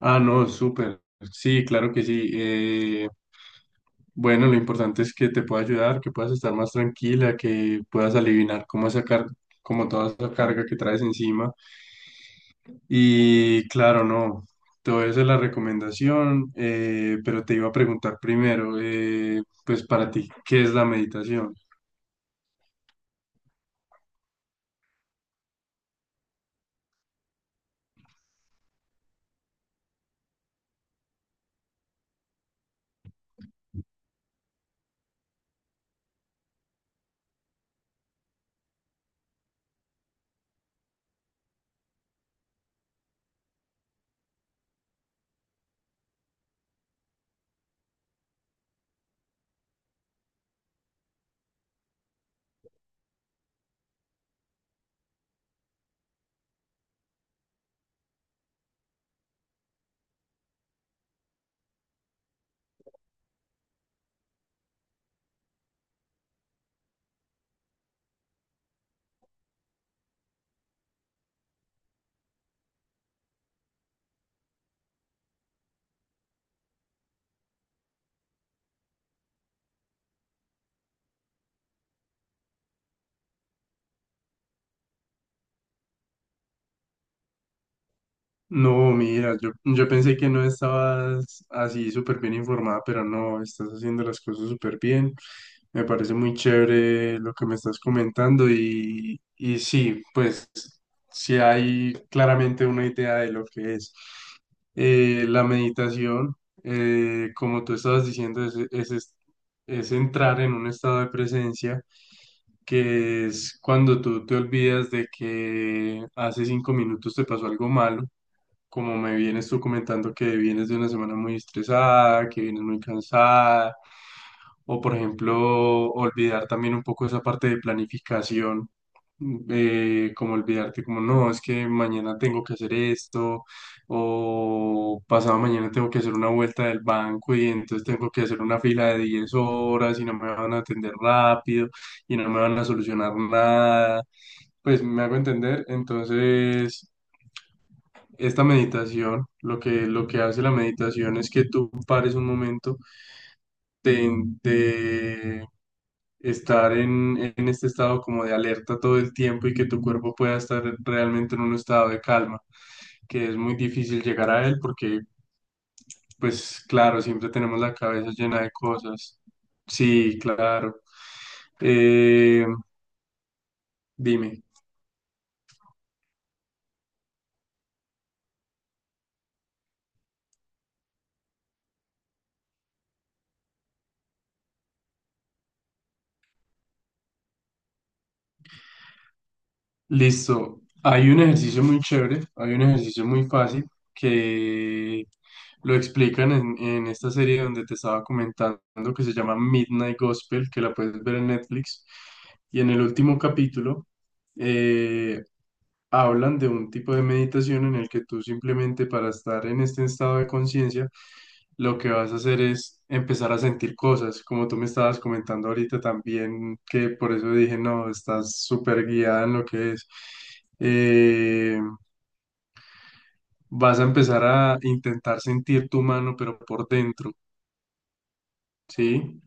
Ah, no, súper. Sí, claro que sí. Bueno, lo importante es que te pueda ayudar, que puedas estar más tranquila, que puedas aliviar cómo sacar, como toda esa carga que traes encima. Y claro, no, todo eso es la recomendación, pero te iba a preguntar primero, pues para ti, ¿qué es la meditación? No, mira, yo pensé que no estabas así súper bien informada, pero no, estás haciendo las cosas súper bien. Me parece muy chévere lo que me estás comentando y, sí, pues sí hay claramente una idea de lo que es. La meditación, como tú estabas diciendo, es entrar en un estado de presencia que es cuando tú te olvidas de que hace 5 minutos te pasó algo malo, como me vienes tú comentando que vienes de una semana muy estresada, que vienes muy cansada. O por ejemplo, olvidar también un poco esa parte de planificación, como olvidarte como no, es que mañana tengo que hacer esto, o pasado mañana tengo que hacer una vuelta del banco y entonces tengo que hacer una fila de 10 horas y no me van a atender rápido y no me van a solucionar nada. Pues me hago entender. Entonces, esta meditación, lo que hace la meditación es que tú pares un momento de, de estar en este estado como de alerta todo el tiempo y que tu cuerpo pueda estar realmente en un estado de calma, que es muy difícil llegar a él porque, pues claro, siempre tenemos la cabeza llena de cosas. Sí, claro. Eh, Dime. Listo. Hay un ejercicio muy chévere, hay un ejercicio muy fácil que lo explican en esta serie donde te estaba comentando, que se llama Midnight Gospel, que la puedes ver en Netflix. Y en el último capítulo eh, hablan de un tipo de meditación en el que tú simplemente para estar en este estado de conciencia, lo que vas a hacer es empezar a sentir cosas, como tú me estabas comentando ahorita también, que por eso dije, no, estás súper guiada en lo que es. Eh, Vas a empezar a intentar sentir tu mano, pero por dentro, ¿sí?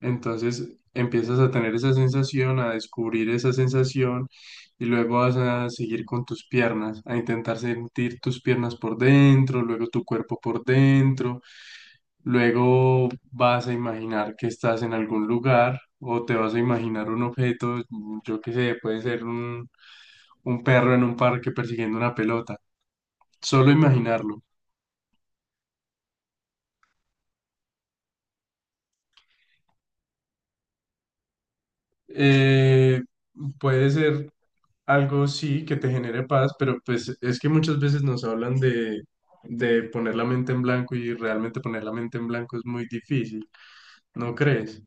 Entonces empiezas a tener esa sensación, a descubrir esa sensación, y luego vas a seguir con tus piernas, a intentar sentir tus piernas por dentro, luego tu cuerpo por dentro, luego vas a imaginar que estás en algún lugar o te vas a imaginar un objeto, yo qué sé, puede ser un perro en un parque persiguiendo una pelota, solo imaginarlo. Eh, Puede ser algo sí que te genere paz, pero pues es que muchas veces nos hablan de poner la mente en blanco, y realmente poner la mente en blanco es muy difícil, ¿no crees?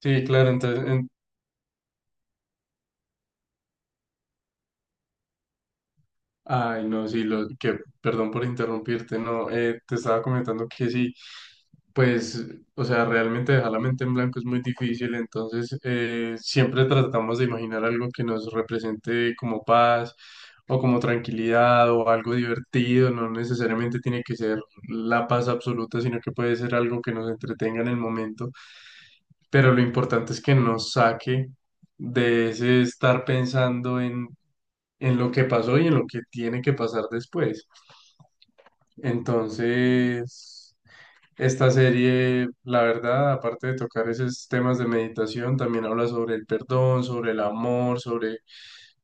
Sí, claro, entonces, en- Ay, no, sí, lo que, perdón por interrumpirte, no, te estaba comentando que sí, pues, o sea, realmente dejar la mente en blanco es muy difícil, entonces siempre tratamos de imaginar algo que nos represente como paz o como tranquilidad o algo divertido, no necesariamente tiene que ser la paz absoluta, sino que puede ser algo que nos entretenga en el momento, pero lo importante es que nos saque de ese estar pensando en lo que pasó y en lo que tiene que pasar después. Entonces, esta serie, la verdad, aparte de tocar esos temas de meditación, también habla sobre el perdón, sobre el amor, sobre,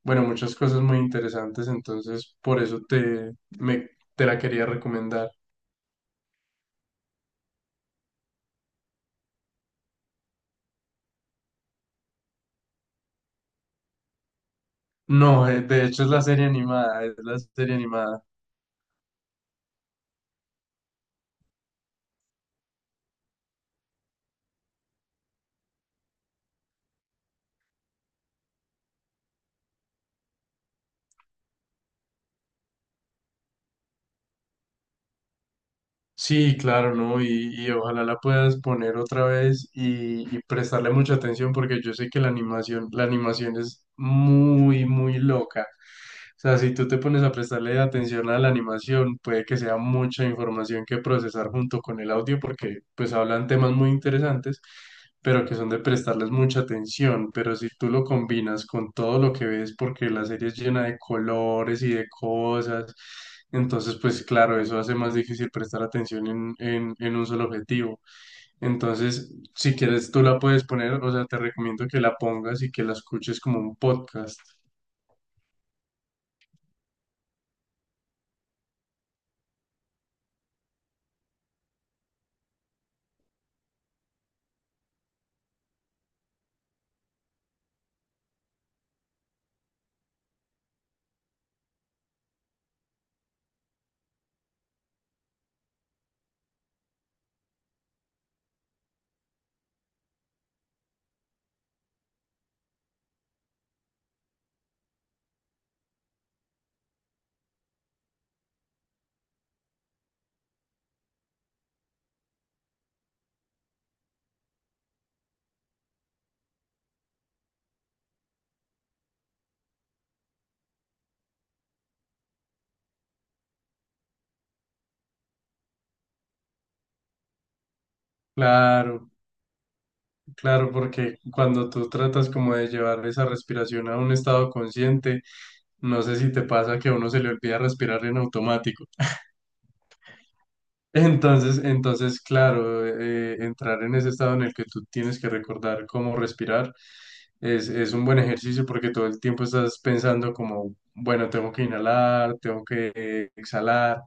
bueno, muchas cosas muy interesantes. Entonces, por eso me, te la quería recomendar. No, de hecho es la serie animada, es la serie animada. Sí, claro, ¿no? Y, ojalá la puedas poner otra vez y, prestarle mucha atención porque yo sé que la animación es muy, muy loca. O sea, si tú te pones a prestarle atención a la animación, puede que sea mucha información que procesar junto con el audio, porque pues hablan temas muy interesantes, pero que son de prestarles mucha atención. Pero si tú lo combinas con todo lo que ves, porque la serie es llena de colores y de cosas, entonces pues claro, eso hace más difícil prestar atención en un solo objetivo. Entonces, si quieres, tú la puedes poner, o sea, te recomiendo que la pongas y que la escuches como un podcast. Claro. Claro, porque cuando tú tratas como de llevar esa respiración a un estado consciente, no sé si te pasa que a uno se le olvida respirar en automático. Entonces, claro, entrar en ese estado en el que tú tienes que recordar cómo respirar es un buen ejercicio porque todo el tiempo estás pensando como, bueno, tengo que inhalar, tengo que exhalar.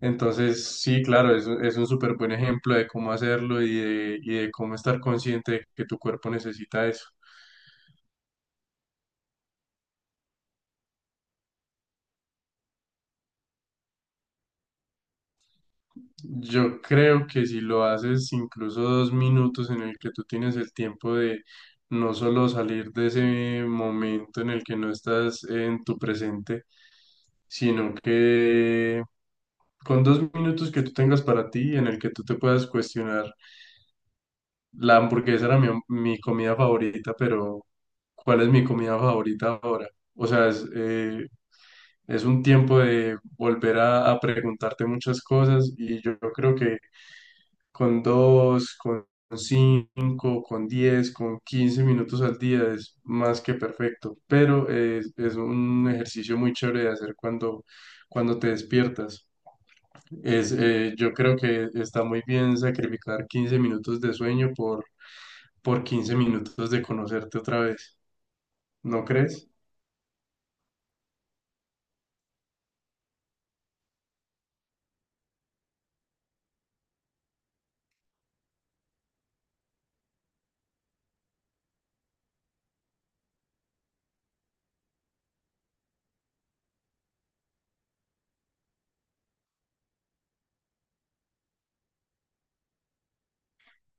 Entonces, sí, claro, es un súper buen ejemplo de cómo hacerlo y de, de cómo estar consciente de que tu cuerpo necesita eso. Yo creo que si lo haces incluso 2 minutos en el que tú tienes el tiempo de no solo salir de ese momento en el que no estás en tu presente, sino que con 2 minutos que tú tengas para ti, en el que tú te puedas cuestionar, la hamburguesa era mi comida favorita, pero ¿cuál es mi comida favorita ahora? O sea, es un tiempo de volver a preguntarte muchas cosas, y yo creo que con dos, con cinco, con 10, con 15 minutos al día es más que perfecto, pero es un ejercicio muy chévere de hacer cuando te despiertas. Yo creo que está muy bien sacrificar 15 minutos de sueño por 15 minutos de conocerte otra vez, ¿no crees?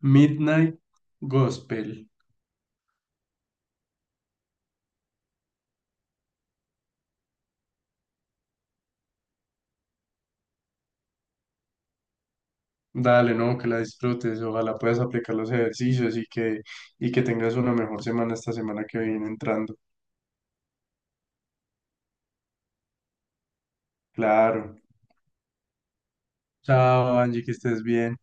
Midnight Gospel. Dale, no, que la disfrutes. Ojalá puedas aplicar los ejercicios y que, que tengas una mejor semana esta semana que viene entrando. Claro. Chao, Angie, que estés bien.